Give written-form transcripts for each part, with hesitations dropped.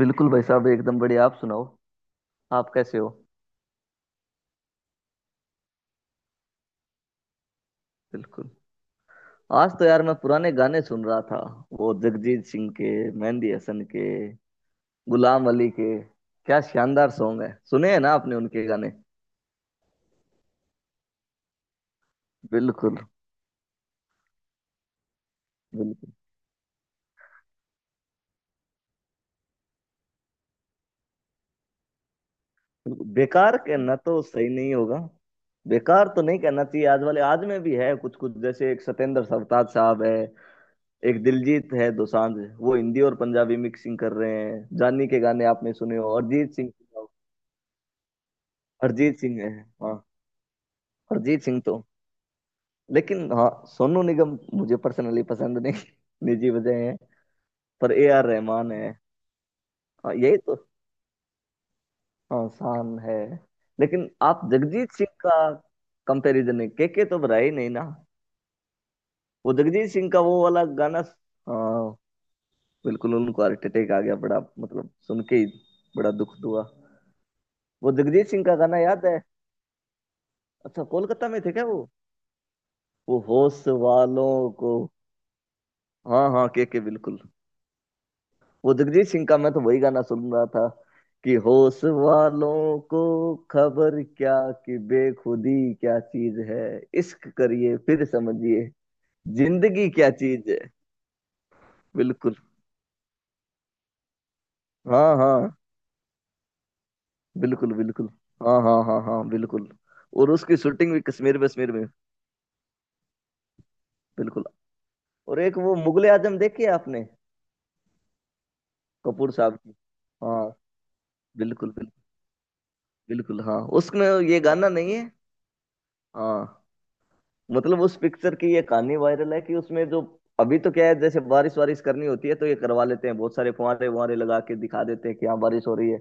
बिल्कुल भाई साहब, एकदम बढ़िया। आप सुनाओ, आप कैसे हो? बिल्कुल। आज तो यार मैं पुराने गाने सुन रहा था। वो जगजीत सिंह के, मेहंदी हसन के, गुलाम अली के, क्या शानदार सॉन्ग है। सुने हैं ना आपने उनके गाने? बिल्कुल, बिल्कुल। बेकार कहना तो सही नहीं होगा। बेकार तो नहीं कहना चाहिए, आज वाले आज में भी है कुछ कुछ। जैसे एक सतेंद्र सरताज साहब है, एक दिलजीत है दोसांझ, वो हिंदी और पंजाबी मिक्सिंग कर रहे हैं, जानी के गाने आपने सुने हो? अरिजीत सिंह, हरजीत सिंह है। हाँ। अरिजीत सिंह तो, लेकिन हाँ, सोनू निगम मुझे पर्सनली पसंद नहीं निजी वजह है। पर ए आर रहमान है। हाँ, यही तो। हाँ, शान है। लेकिन आप जगजीत सिंह का, कंपैरिजन है? के तो रहा ही नहीं ना। वो जगजीत सिंह का वो वाला गाना। हाँ, बिल्कुल। उनको हार्ट अटैक आ गया, बड़ा मतलब सुन के ही बड़ा दुख हुआ। वो जगजीत सिंह का गाना याद है? अच्छा, कोलकाता में थे क्या वो? वो होश वालों को, हाँ हाँ, के, बिल्कुल। वो जगजीत सिंह का मैं तो वही गाना सुन रहा था, कि होश वालों को खबर क्या, कि बेखुदी क्या चीज है, इश्क करिए फिर समझिए जिंदगी क्या चीज है। बिल्कुल। हाँ हाँ, बिल्कुल बिल्कुल। हाँ हाँ हाँ हाँ, बिल्कुल। और उसकी शूटिंग भी कश्मीर वश्मीर में। बिल्कुल। और एक वो मुगले आजम देखी है आपने? कपूर साहब की। हाँ, बिल्कुल बिल्कुल। बिल्कुल हाँ, उसमें ये गाना नहीं है। हाँ, मतलब उस पिक्चर की ये कहानी वायरल है कि उसमें जो, अभी तो क्या है जैसे बारिश वारिश करनी होती है तो ये करवा लेते हैं, बहुत सारे फुहारे वुहारे लगा के दिखा देते हैं कि यहाँ बारिश हो रही है।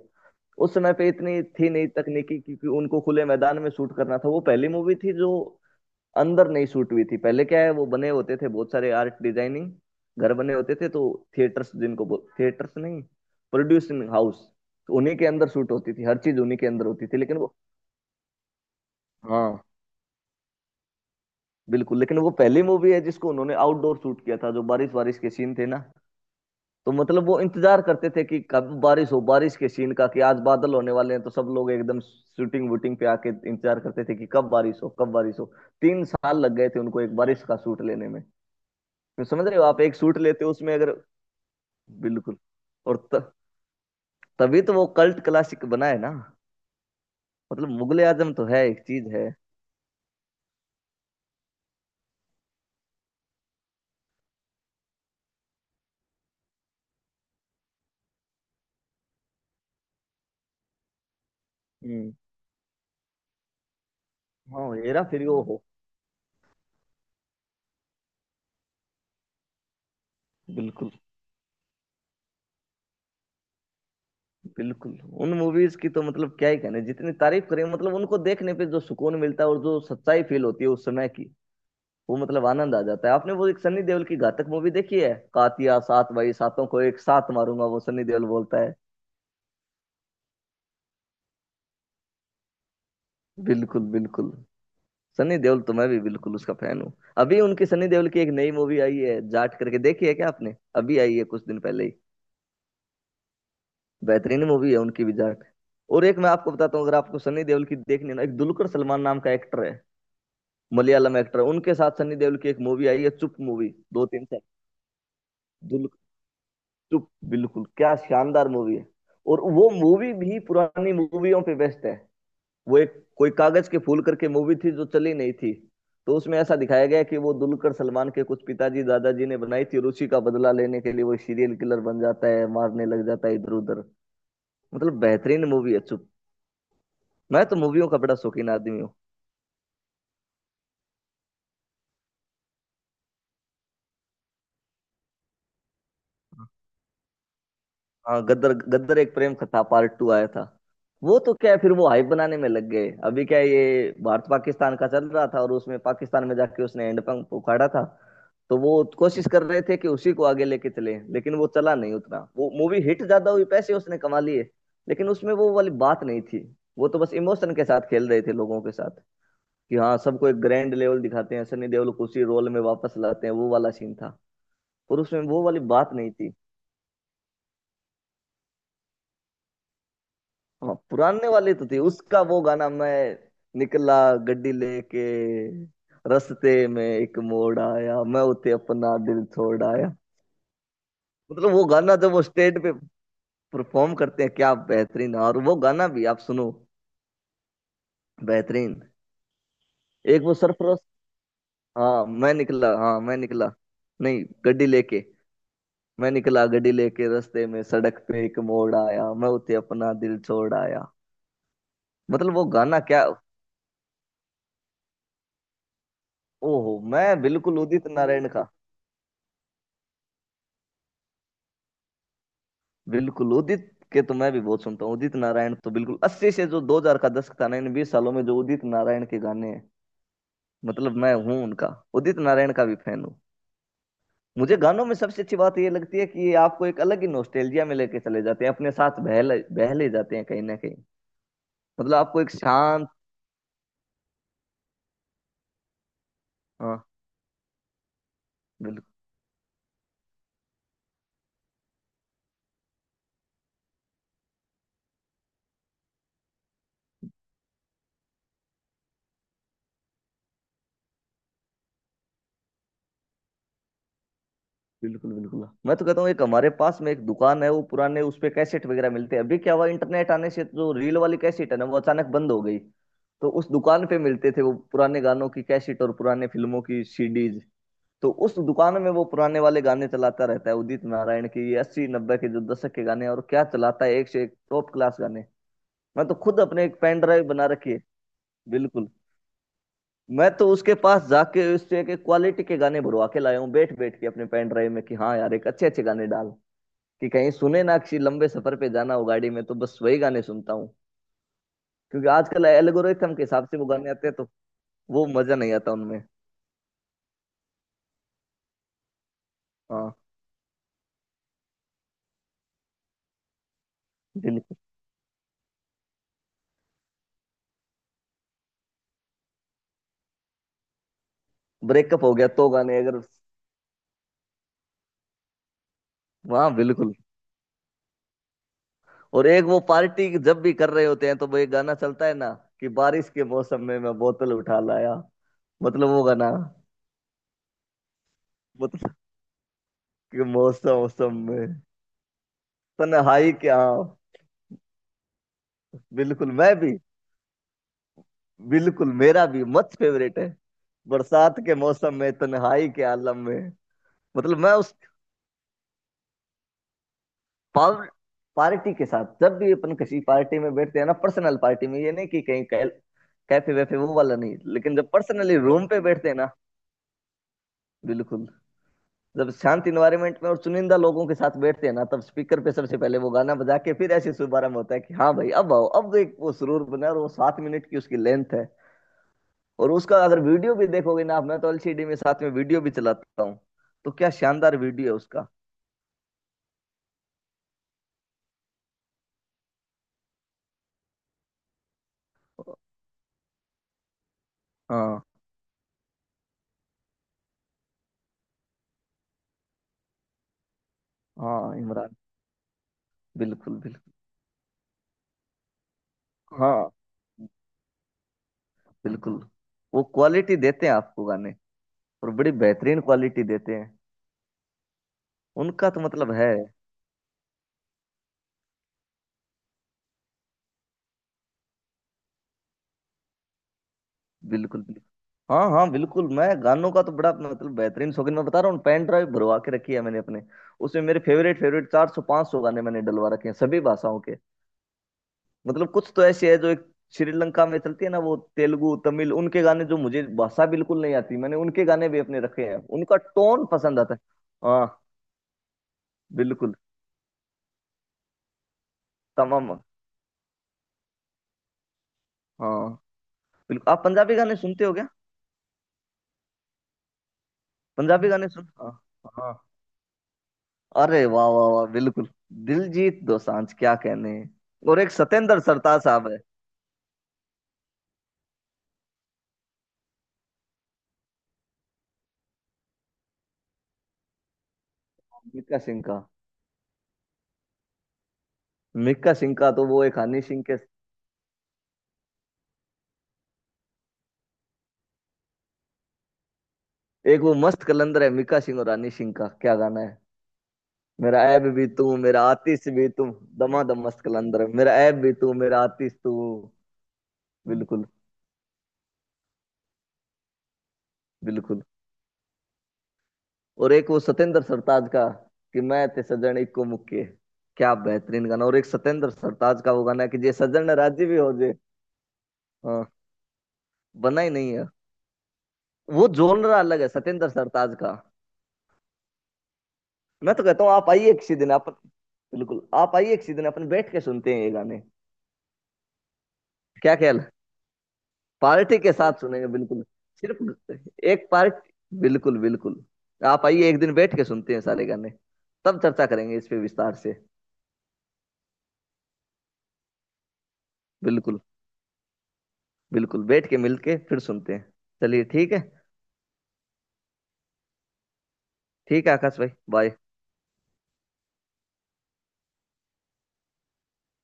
उस समय पे इतनी थी नहीं तकनीकी, क्योंकि उनको खुले मैदान में शूट करना था। वो पहली मूवी थी जो अंदर नहीं शूट हुई थी। पहले क्या है, वो बने होते थे बहुत सारे आर्ट डिजाइनिंग घर बने होते थे, तो थिएटर्स जिनको बोल, थिएटर्स नहीं, प्रोड्यूसिंग हाउस, तो उन्हीं के अंदर शूट होती थी, हर चीज उन्हीं के अंदर होती थी। लेकिन वो, हाँ, बिल्कुल। लेकिन वो पहली मूवी है जिसको उन्होंने आउटडोर शूट किया था, जो बारिश बारिश के सीन थे ना, तो मतलब वो इंतजार करते थे कि कब बारिश हो। बारिश के सीन का, कि आज बादल होने वाले हैं तो सब लोग एकदम शूटिंग वूटिंग पे आके इंतजार करते थे कि कब बारिश हो, कब बारिश हो। 3 साल लग गए थे उनको एक बारिश का शूट लेने में। तो समझ रहे हो आप, एक शूट लेते हो उसमें अगर, बिल्कुल। और त, तभी तो वो कल्ट क्लासिक बना है ना। मतलब मुगले आजम तो है, एक चीज है। हम्म। हाँ, हेरा फेरी वो हो। बिल्कुल बिल्कुल, उन मूवीज की तो मतलब क्या ही कहने, जितनी तारीफ करें। मतलब उनको देखने पे जो सुकून मिलता है और जो सच्चाई फील होती है उस समय की, वो मतलब आनंद आ जाता है। आपने वो एक सनी देओल की घातक मूवी देखी है? कातिया, सात भाई सातों को एक साथ मारूंगा, वो सनी देओल बोलता है। बिल्कुल बिल्कुल। सनी देओल तो मैं भी बिल्कुल उसका फैन हूँ। अभी उनकी सनी देओल की एक नई मूवी आई है जाट करके, देखी है क्या आपने? अभी आई है कुछ दिन पहले ही। बेहतरीन मूवी है उनकी भी, जाट। और एक मैं आपको बताता हूँ, अगर आपको सनी देओल की देखनी है ना, एक दुलकर सलमान नाम का एक्टर है, मलयालम एक्टर, उनके साथ सनी देओल की एक मूवी आई है चुप, मूवी दो तीन से। दुल चुप, बिल्कुल, क्या शानदार मूवी है। और वो मूवी भी पुरानी मूवियों पे बेस्ट है। वो एक कोई कागज के फूल करके मूवी थी जो चली नहीं थी। तो उसमें ऐसा दिखाया गया कि वो दुलकर सलमान के कुछ पिताजी दादाजी ने बनाई थी, और उसी का बदला लेने के लिए वो सीरियल किलर बन जाता है, मारने लग जाता है इधर उधर। मतलब बेहतरीन मूवी है चुप। मैं तो मूवियों का बड़ा शौकीन आदमी हूँ। हाँ, गदर, गदर एक प्रेम कथा पार्ट टू आया था। वो तो क्या है, फिर वो हाइप बनाने में लग गए। अभी क्या है, ये भारत पाकिस्तान का चल रहा था और उसमें पाकिस्तान में जाके उसने हैंडपंप उखाड़ा था। तो वो कोशिश कर रहे थे कि उसी को आगे लेके चले, लेकिन वो चला नहीं उतना। वो मूवी हिट ज्यादा हुई, पैसे उसने कमा लिए, लेकिन उसमें वो वाली बात नहीं थी। वो तो बस इमोशन के साथ खेल रहे थे लोगों के साथ, कि हाँ सबको एक ग्रैंड लेवल दिखाते हैं, सनी देओल को उसी रोल में वापस लाते हैं, वो वाला सीन था। और उसमें वो वाली बात नहीं थी। हाँ, पुराने वाले तो थे। उसका वो गाना, मैं निकला गड्डी लेके, रस्ते में एक मोड़ आया, मैं उते अपना दिल छोड़ आया। मतलब वो गाना, जब वो स्टेज पे परफॉर्म करते हैं, क्या बेहतरीन। और वो गाना भी आप सुनो, बेहतरीन। एक वो सरफरोश, हाँ मैं निकला, हाँ मैं निकला, नहीं गड्डी लेके, मैं निकला गड्डी लेके रास्ते में सड़क पे एक मोड़ आया, मैं उते अपना दिल छोड़ आया। मतलब वो गाना, क्या। ओहो, मैं बिल्कुल उदित नारायण का। बिल्कुल, उदित के तो मैं भी बहुत सुनता हूँ। उदित नारायण तो बिल्कुल, 80 से जो 2000 का दशक था ना, इन 20 सालों में जो उदित नारायण के गाने हैं, मतलब मैं हूँ उनका, उदित नारायण का भी फैन हूँ। मुझे गानों में सबसे अच्छी बात ये लगती है कि ये आपको एक अलग ही नोस्टेल्जिया में लेके चले जाते हैं, अपने साथ बह ले जाते हैं कहीं ना कहीं। मतलब आपको एक शांत, हाँ, बिल्कुल बिल्कुल। बिल्कुल, मैं तो कहता हूँ एक हमारे पास में एक दुकान है, वो पुराने, उस पे कैसेट वगैरह मिलते हैं। अभी क्या हुआ, इंटरनेट आने से जो रील वाली कैसेट है ना, वो अचानक बंद हो गई। तो उस दुकान पे मिलते थे वो पुराने गानों की कैसेट और पुराने फिल्मों की सीडीज। तो उस दुकान में वो पुराने वाले गाने चलाता रहता है, उदित नारायण की 80 90 के जो दशक के गाने हैं, और क्या चलाता है, एक से एक टॉप क्लास गाने। मैं तो खुद अपने एक पेन ड्राइव बना रखी है। बिल्कुल। मैं तो उसके पास जाके उससे एक क्वालिटी के गाने भरवा के लाया हूँ, बैठ बैठ के अपने पेन ड्राइव में, कि हाँ यार एक अच्छे अच्छे गाने डाल, कि कहीं सुने ना, किसी लंबे सफर पे जाना हो गाड़ी में तो बस वही गाने सुनता हूँ। क्योंकि आजकल एल्गोरिथम के हिसाब से वो गाने आते हैं, तो वो मजा नहीं आता उनमें। हाँ, बिल्कुल। ब्रेकअप हो गया तो गाने, अगर, हाँ बिल्कुल। और एक वो, पार्टी जब भी कर रहे होते हैं तो वो एक गाना चलता है ना, कि बारिश के मौसम में मैं बोतल उठा लाया। मतलब वो गाना, बोतल के मौसम मौसम में, तन्हाई क्या। बिल्कुल, मैं भी। बिल्कुल मेरा भी मस्त फेवरेट है, बरसात के मौसम में तन्हाई के आलम में। मतलब मैं उस, पावर, पार्टी के साथ जब भी अपन किसी पार्टी में बैठते हैं ना, पर्सनल पार्टी में, ये नहीं कि कहीं कैफे वैफे, वो वाला नहीं। लेकिन जब पर्सनली रूम पे बैठते हैं ना, बिल्कुल, जब शांत इन्वायरमेंट में और चुनिंदा लोगों के साथ बैठते हैं ना, तब स्पीकर पे सबसे पहले वो गाना बजा के फिर ऐसे शुभारंभ होता है, कि हाँ भाई अब आओ, अब एक वो सुरूर बना। और वो 7 मिनट की उसकी लेंथ है। और उसका अगर वीडियो भी देखोगे ना आप, मैं तो एलसीडी में साथ में वीडियो भी चलाता हूँ। तो क्या शानदार वीडियो है उसका। हाँ हाँ, इमरान, बिल्कुल बिल्कुल। हाँ, बिल्कुल, वो क्वालिटी देते हैं आपको गाने, और बड़ी बेहतरीन क्वालिटी देते हैं। उनका तो मतलब है, बिल्कुल बिल्कुल। हाँ हाँ, बिल्कुल। मैं गानों का तो बड़ा मतलब बेहतरीन शौकीन, मैं बता रहा हूँ पेन ड्राइव भरवा के रखी है मैंने अपने, उसमें मेरे फेवरेट फेवरेट 400 500 गाने मैंने डलवा रखे हैं, सभी भाषाओं के। मतलब कुछ तो ऐसे है जो एक, श्रीलंका में चलती है ना, वो तेलुगु तमिल, उनके गाने जो मुझे भाषा बिल्कुल नहीं आती, मैंने उनके गाने भी अपने रखे हैं, उनका टोन पसंद आता है। हाँ, बिल्कुल। तमाम, हाँ, बिल्कुल। आप पंजाबी गाने सुनते हो क्या? पंजाबी गाने सुन, हाँ, हाँ। अरे वाह वाह वाह, बिल्कुल। दिलजीत दोसांझ क्या कहने हैं। और एक सतेंद्र सरताज साहब है। मिक्का सिंह का, मिक्का सिंह का तो वो एक, हनी सिंह के। एक वो मस्त कलंदर है, मिक्का सिंह और हनी सिंह का, क्या गाना है, मेरा ऐब भी तू, मेरा आतिश भी तू। दमादम मस्त कलंदर है, मेरा ऐब भी तू, मेरा आतिश तू। बिल्कुल बिल्कुल। और एक वो सतेंद्र सरताज का, कि मैं ते सजन इक्को मुक्के, क्या बेहतरीन गाना। और एक सतेंद्र सरताज का वो गाना है, कि जे सजन राजी भी हो जे। हाँ, बना ही नहीं है। वो जोनरा अलग है सतेंद्र सरताज का। मैं तो कहता हूँ आप आइए किसी दिन, आप, बिल्कुल, आप आइए किसी दिन, अपन बैठ के सुनते हैं ये गाने। क्या ख्याल है? पार्टी के साथ सुनेंगे, बिल्कुल। सिर्फ एक पार्टी, बिल्कुल बिल्कुल। आप आइए एक दिन, बैठ के सुनते हैं सारे गाने, तब चर्चा करेंगे इस पे विस्तार से। बिल्कुल, बिल्कुल, बैठ के मिल के फिर सुनते हैं। चलिए ठीक है। ठीक है आकाश भाई, बाय।